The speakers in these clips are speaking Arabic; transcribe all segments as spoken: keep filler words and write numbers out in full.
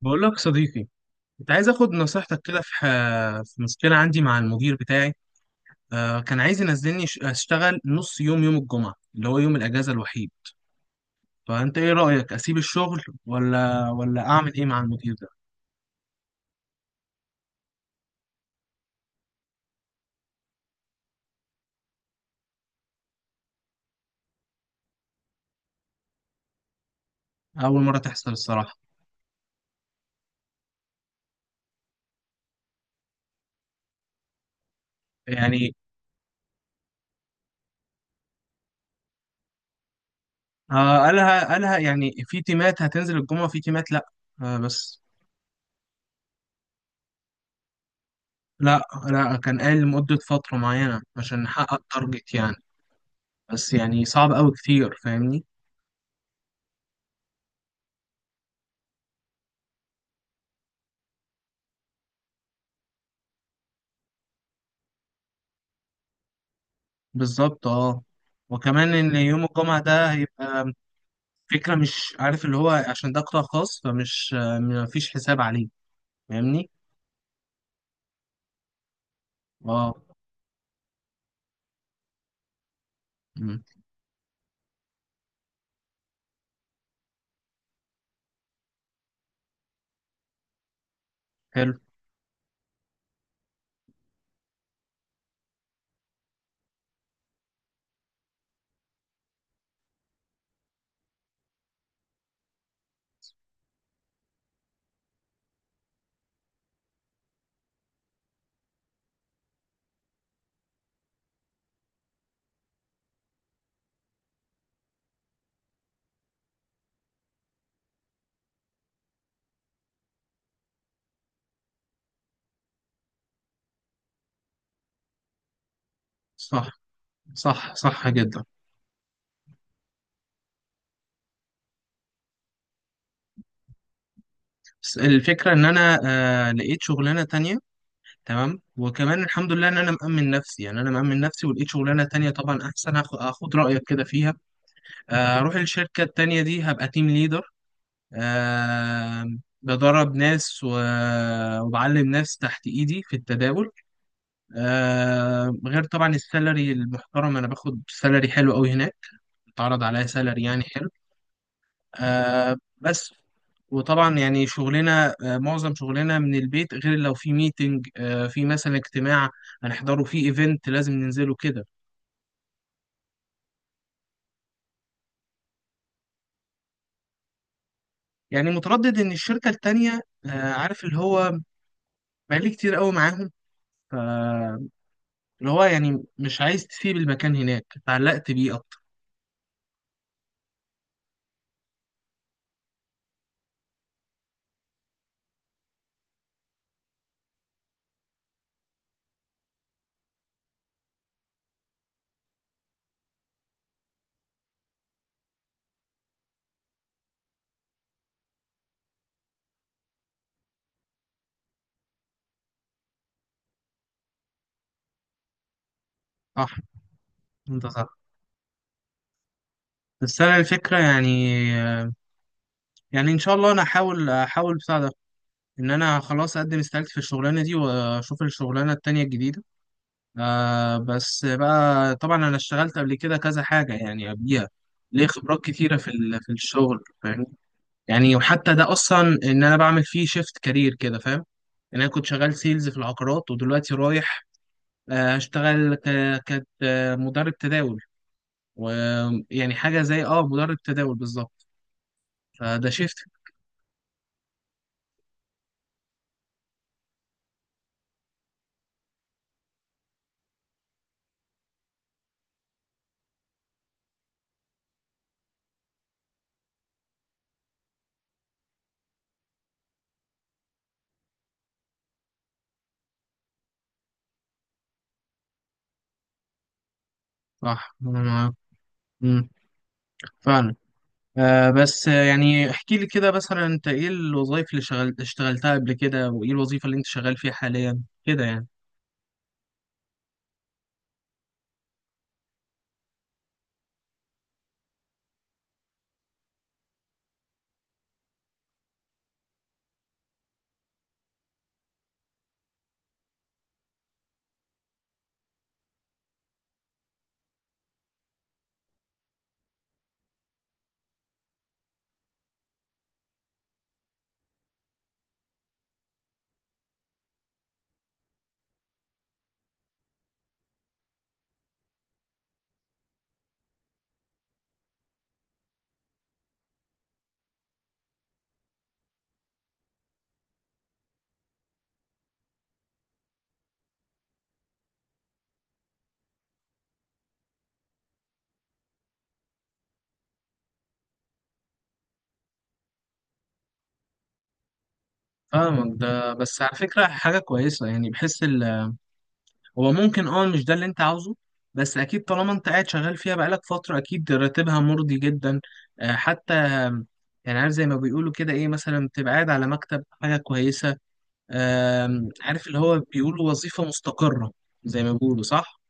بقول لك صديقي، كنت عايز اخد نصيحتك كده في ح- في مشكله عندي مع المدير بتاعي. آه، كان عايز ينزلني ش- اشتغل نص يوم يوم الجمعه اللي هو يوم الاجازه الوحيد. فانت ايه رايك اسيب الشغل ولا ولا اعمل ايه مع المدير ده؟ اول مره تحصل الصراحه. يعني آه، قالها قالها يعني في تيمات هتنزل الجمعه، في تيمات لا. آه، بس لا لا كان قال لمده فتره معينه عشان نحقق تارجت يعني. بس يعني صعب قوي كتير، فاهمني؟ بالظبط، اه. وكمان ان يوم الجمعة ده هيبقى فكرة مش عارف اللي هو، عشان ده قطاع خاص فمش مفيش حساب عليه، فاهمني؟ اه. مم. حلو. صح. صح صح جدا. بس الفكرة ان انا آه لقيت شغلانة تانية، تمام؟ وكمان الحمد لله ان انا مأمن نفسي، يعني انا مأمن نفسي ولقيت شغلانة تانية طبعا احسن. هاخ- هاخد رأيك كده فيها. آه، اروح الشركة التانية دي هبقى تيم ليدر. آه. بدرب ناس و- وبعلم ناس تحت ايدي في التداول. آه، غير طبعا السالري المحترم، انا باخد سالري حلو قوي هناك، اتعرض عليا سالري يعني حلو. آه، بس وطبعا يعني شغلنا، آه، معظم شغلنا من البيت، غير لو في ميتنج، آه، في مثلا اجتماع هنحضره، في ايفنت لازم ننزله كده. يعني متردد ان الشركة التانية، آه، عارف اللي هو، بقالي كتير قوي معاهم، ف- اللي هو يعني مش عايز تسيب المكان هناك، اتعلقت بيه اكتر. صح، انت صح. بس انا الفكرة يعني، يعني ان شاء الله انا احاول احاول بتاع ده، ان انا خلاص اقدم استقالتي في الشغلانه دي واشوف الشغلانه التانية الجديده. آه بس بقى طبعا انا اشتغلت قبل كده كذا حاجه يعني قبليها، ليه خبرات كتيره في ال- في الشغل، فاهم؟ يعني وحتى ده اصلا ان انا بعمل فيه شيفت كارير كده، فاهم؟ ان انا كنت شغال سيلز في العقارات ودلوقتي رايح آه، اشتغل ك- كت- آه، مدرب تداول. ويعني حاجه زي اه مدرب تداول بالظبط، فده شيفت. صح، أنا معاك. مم. فعلا. آه بس آه، يعني احكي لي كده مثلا انت ايه الوظائف اللي شغل... اشتغلتها قبل كده، وايه الوظيفة اللي انت شغال فيها حاليا كده يعني؟ فاهمك. ده بس على فكرة حاجة كويسة، يعني بحس ال... هو ممكن اه مش ده اللي انت عاوزه، بس اكيد طالما انت قاعد شغال فيها بقالك فترة اكيد راتبها مرضي جدا. آه حتى آم، يعني عارف زي ما بيقولوا كده ايه، مثلا بتبقى قاعد على مكتب، حاجة كويسة. آه عارف اللي هو، بيقولوا وظيفة مستقرة زي ما بيقولوا، صح؟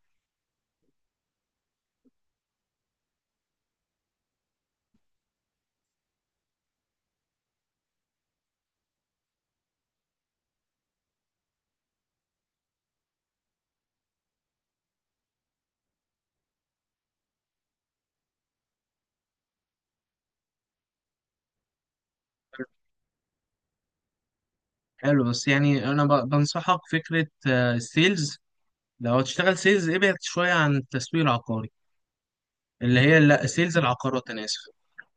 حلو. بس يعني انا ب- بنصحك فكره، آه، السيلز، لو هتشتغل سيلز ابعد شويه عن التسويق العقاري، اللي هي لا سيلز العقارات، انا اسف.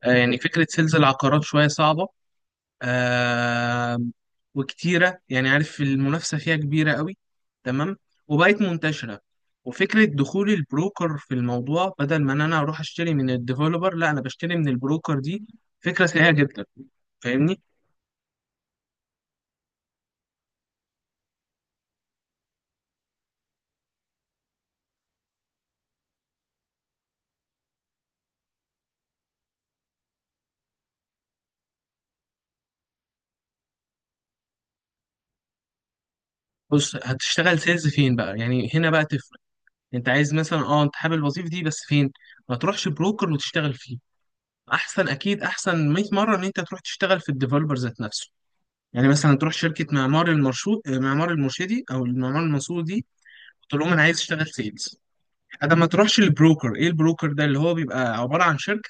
آه، يعني فكره سيلز العقارات شويه صعبه، آه، وكتيره. يعني عارف المنافسه فيها كبيره قوي، تمام؟ وبقت منتشره. وفكره دخول البروكر في الموضوع، بدل ما ان انا اروح اشتري من الديفلوبر، لا انا بشتري من البروكر دي فكره سيئه جدا، فاهمني؟ بص هتشتغل سيلز فين بقى، يعني هنا بقى؟ انت عايز مثلا اه، انت حابب الوظيفه دي، بس فين؟ ما تروحش بروكر وتشتغل فيه، احسن اكيد، احسن مية مره ان انت تروح تشتغل في الديفلوبر ذات نفسه. يعني مثلا تروح شركه معمار المرشود، معمار المرشدي، او المعمار المنصور دي، تقول لهم انا عايز اشتغل سيلز، انا ما تروحش للبروكر. ايه البروكر ده؟ اللي هو بيبقى عباره عن شركه.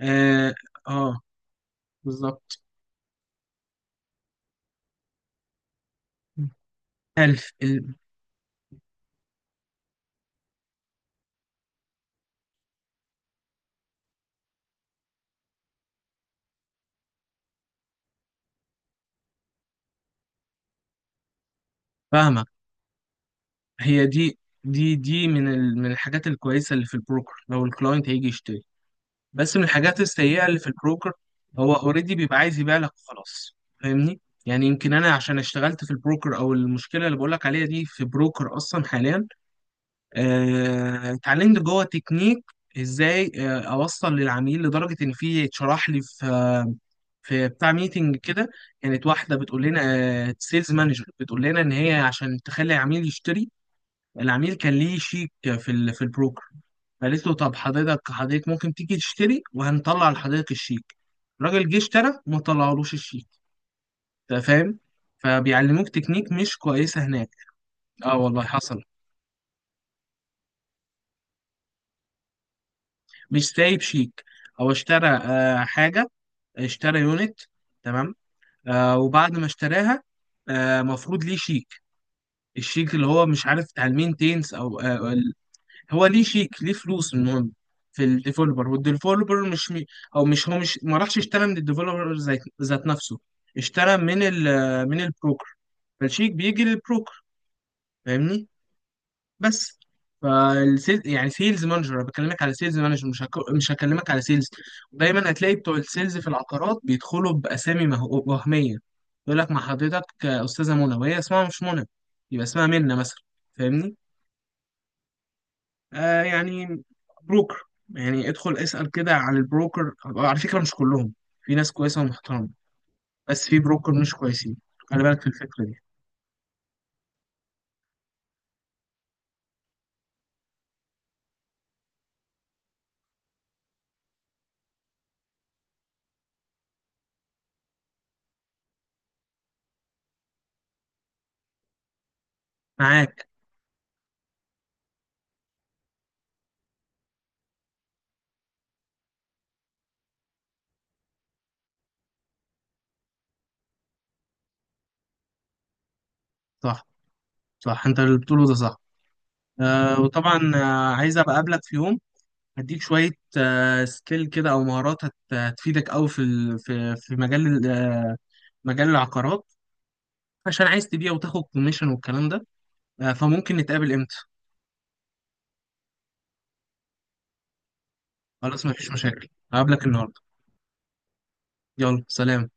اه, آه. بالظبط. ألف ال- فاهمة. هي دي، دي دي من ال... من الحاجات الكويسة اللي في البروكر، لو الكلاينت هيجي يشت... بس من الحاجات السيئة اللي في البروكر، هو اوريدي بيبقى عايز يبيع لك وخلاص، فاهمني؟ يعني يمكن انا عشان اشتغلت في البروكر، او المشكلة اللي بقولك عليها دي في بروكر اصلا حاليا، آه، اتعلمت جوه تكنيك ازاي آه، اوصل للعميل، لدرجة ان في اتشرح لي في آه، في بتاع ميتنج كده، كانت واحدة بتقول لنا سيلز مانجر بتقول لنا ان هي عشان تخلي العميل يشتري، العميل كان ليه شيك في ال في البروكر، قالت له طب حضرتك، حضرتك ممكن تيجي تشتري وهنطلع لحضرتك الشيك، الراجل جه اشترى وما طلعلوش الشيك، انت فاهم؟ فبيعلموك تكنيك مش كويسة هناك. اه والله حصل. مش سايب شيك، هو اشترى آه حاجة، اشترى يونت، تمام؟ آه وبعد ما اشتراها، آه مفروض ليه شيك، الشيك اللي هو مش عارف بتاع المينتينس او آه، هو ليه شيك، ليه فلوس، المهم في الديفلوبر، والديفلوبر مش مي... او مش، هو مش ما راحش اشترى من الديفلوبر ذات ذات نفسه، اشترى من ال من البروكر، فالشيك بيجي للبروكر، فاهمني؟ بس فالسيل يعني سيلز مانجر، انا بكلمك على سيلز مانجر مش هك... مش هكلمك على سيلز، دايما هتلاقي بتوع السيلز في العقارات بيدخلوا باسامي مه... وهميه، يقول لك مع حضرتك استاذه منى وهي اسمها مش منى، يبقى اسمها منى مثلا، فاهمني؟ آه يعني بروكر. يعني ادخل اسأل كده على البروكر، على فكرة مش كلهم، في ناس كويسة ومحترمة، بس في بروكر مش كويسين، خلي بالك في الفكرة دي. معاك. صح. صح انت اللي بتقوله ده صح. آه وطبعا آه عايز ابقى اقابلك في يوم، هديك شوية آه سكيل كده او مهارات هت- هتفيدك قوي في ال- في في مجال ال- مجال العقارات، عشان عايز تبيع وتاخد كوميشن والكلام ده. آه فممكن نتقابل امتى؟ خلاص مفيش مشاكل، هقابلك النهارده. يلا سلام.